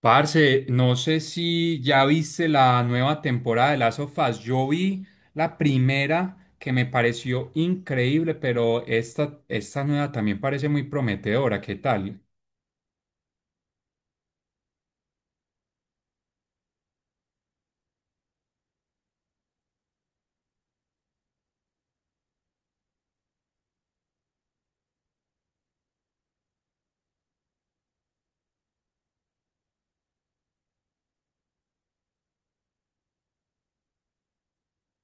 Parce, no sé si ya viste la nueva temporada de Last of Us. Yo vi la primera que me pareció increíble, pero esta nueva también parece muy prometedora. ¿Qué tal?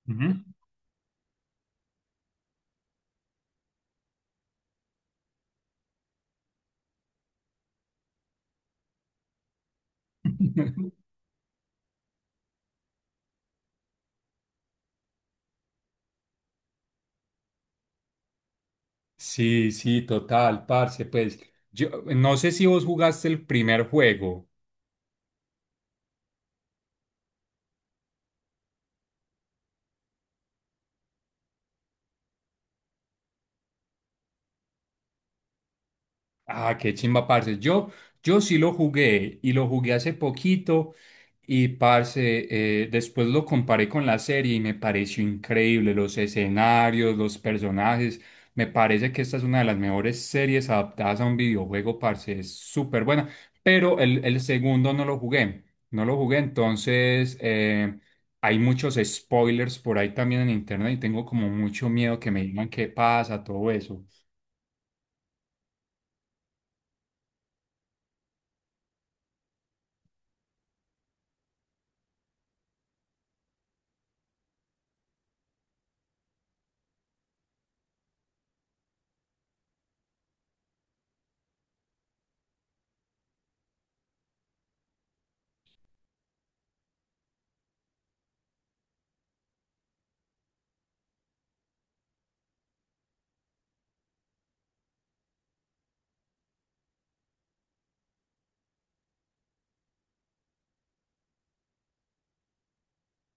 Ujú. Sí, sí, total, parce. Pues yo no sé si vos jugaste el primer juego. Ah, qué chimba, parce. Yo sí lo jugué y lo jugué hace poquito y, parce, después lo comparé con la serie y me pareció increíble los escenarios, los personajes. Me parece que esta es una de las mejores series adaptadas a un videojuego, parce. Es súper buena, pero el segundo no lo jugué. No lo jugué, entonces hay muchos spoilers por ahí también en internet y tengo como mucho miedo que me digan qué pasa, todo eso.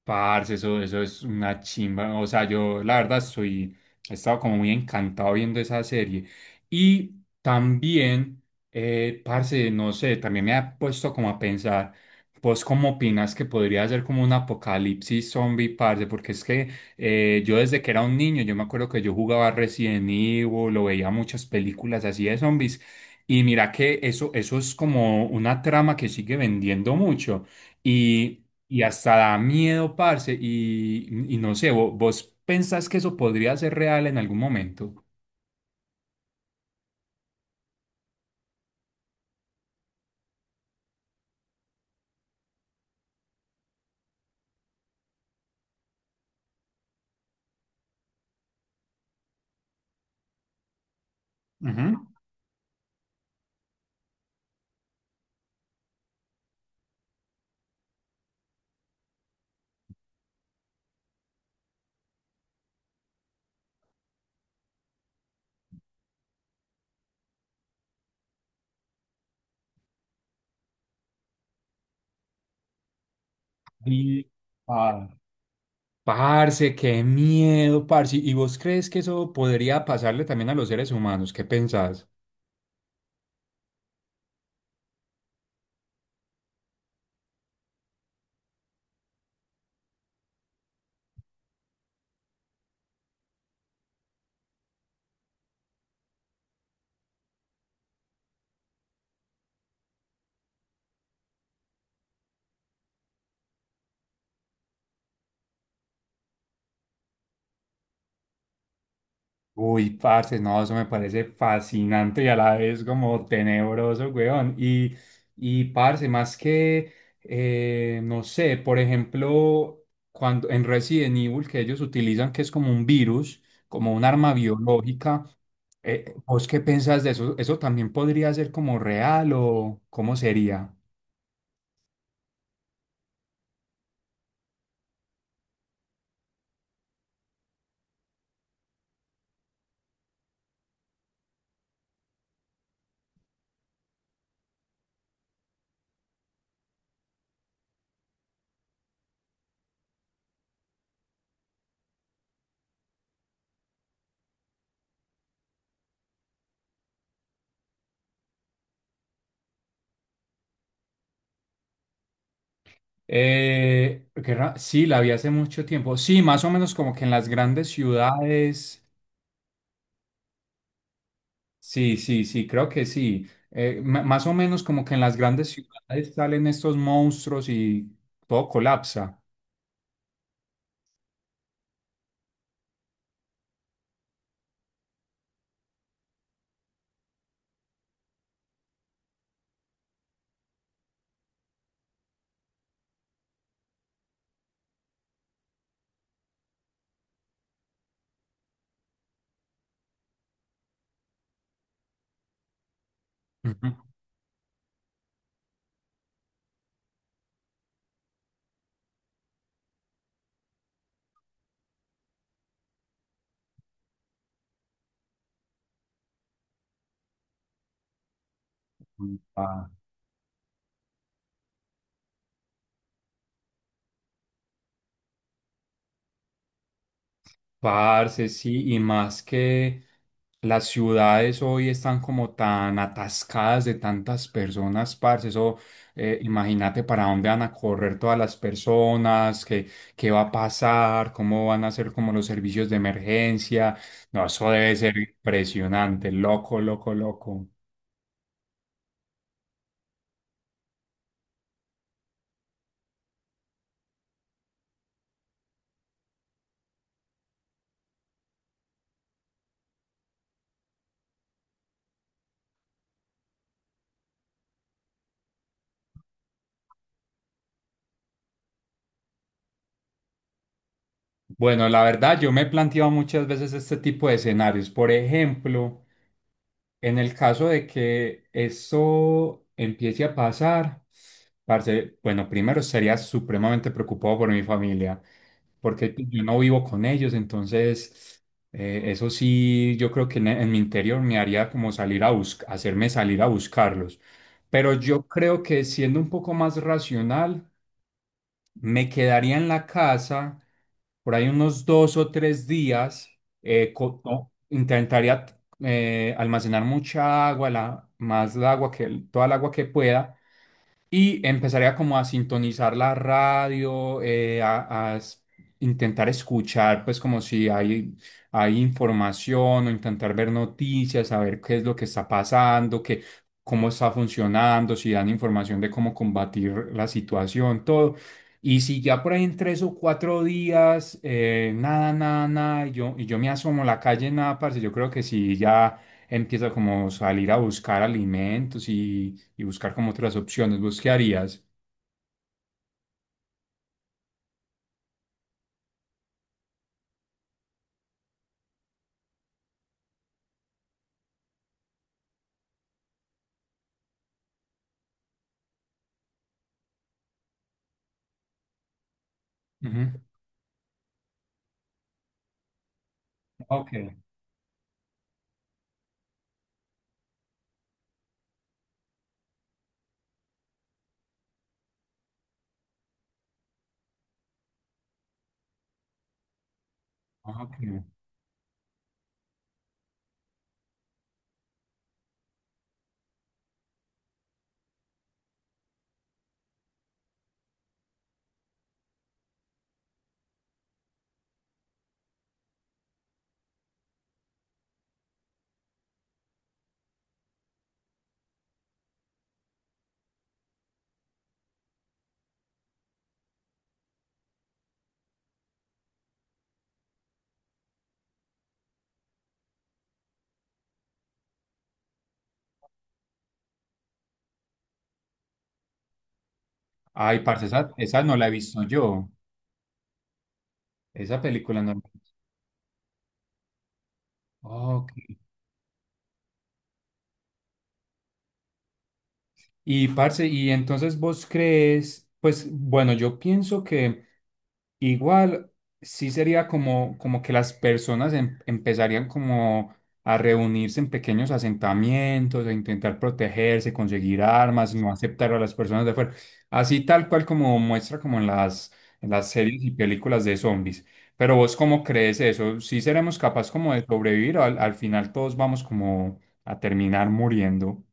Parce, eso es una chimba. O sea, yo la verdad soy, he estado como muy encantado viendo esa serie. Y también, parce, no sé, también me ha puesto como a pensar, ¿vos cómo opinas que podría ser como un apocalipsis zombie, parce? Porque es que yo desde que era un niño, yo me acuerdo que yo jugaba Resident Evil, lo veía muchas películas así de zombies. Y mira que eso es como una trama que sigue vendiendo mucho. Y y hasta da miedo, parce, y no sé, vos ¿pensás que eso podría ser real en algún momento? Ujú. Y, ah, parce, qué miedo, parce, ¿y vos crees que eso podría pasarle también a los seres humanos? ¿Qué pensás? Uy, parce, no, eso me parece fascinante y a la vez como tenebroso, weón. Y parce, más que, no sé, por ejemplo, cuando en Resident Evil, que ellos utilizan que es como un virus, como un arma biológica, ¿vos qué pensás de eso? ¿Eso también podría ser como real o cómo sería? Sí, la vi hace mucho tiempo. Sí, más o menos como que en las grandes ciudades. Sí, sí, sí, creo que sí. Más o menos como que en las grandes ciudades salen estos monstruos y todo colapsa. Ujú. Pa- Parce, sí, y más que las ciudades hoy están como tan atascadas de tantas personas, parce, eso, imagínate para dónde van a correr todas las personas, qué, qué va a pasar, cómo van a ser como los servicios de emergencia. No, eso debe ser impresionante, loco, loco, loco. Bueno, la verdad, yo me he planteado muchas veces este tipo de escenarios. Por ejemplo, en el caso de que eso empiece a pasar, parce, bueno, primero sería supremamente preocupado por mi familia, porque pues, yo no vivo con ellos, entonces eso sí, yo creo que en mi interior me haría como salir a buscar, hacerme salir a buscarlos. Pero yo creo que siendo un poco más racional. Me quedaría en la casa por ahí unos dos o tres días. No, intentaría almacenar mucha agua, la, más la agua que, toda el agua que pueda. Y empezaría como a sintonizar la radio, intentar escuchar, pues como si hay, hay información o intentar ver noticias, saber qué es lo que está pasando, qué, cómo está funcionando, si dan información de cómo combatir la situación, todo. Y si ya por ahí en tres o cuatro días, nada, nada, nada, y yo me asomo a la calle, nada, parce, yo creo que sí, ya empiezo como salir a buscar alimentos y buscar como otras opciones. ¿Vos qué harías? Ujú. Ok, ok. Ay, parce, esa no la he visto yo. Esa película no la he visto. Ok. Y parce, y entonces vos crees, pues bueno, yo pienso que igual sí sería como, como que las personas empezarían como a reunirse en pequeños asentamientos, a intentar protegerse, conseguir armas, no aceptar a las personas de fuera, así tal cual como muestra como en las series y películas de zombies. ¿Pero vos cómo crees eso? ¿Sí seremos capaz como de sobrevivir o al, al final todos vamos como a terminar muriendo?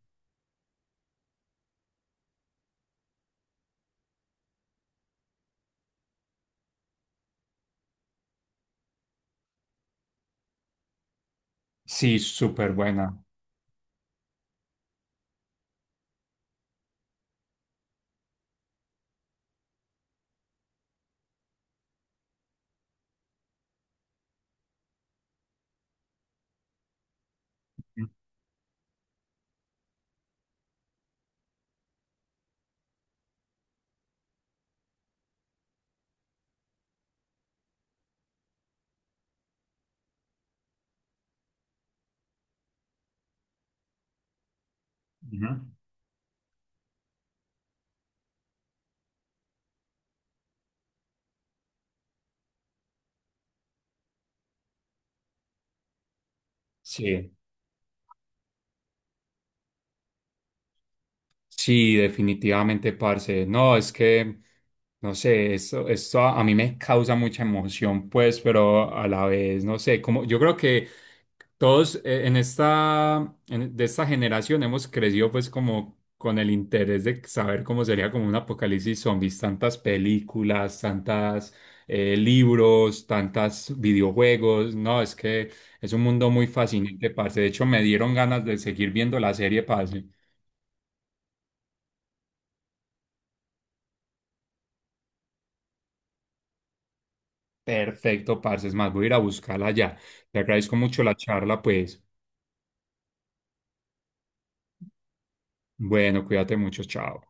Sí, súper buena. Ujú. Sí. Sí, definitivamente, parce. No, es que, no sé, esto a mí me causa mucha emoción, pues, pero a la vez, no sé, como yo creo que todos en esta, de esta generación hemos crecido, pues, como con el interés de saber cómo sería como un apocalipsis zombies, tantas películas, tantas libros, tantas videojuegos. No, es que es un mundo muy fascinante, parce. De hecho, me dieron ganas de seguir viendo la serie, parce. Perfecto, parce. Es más, voy a ir a buscarla ya. Te agradezco mucho la charla, pues. Bueno, cuídate mucho, chao.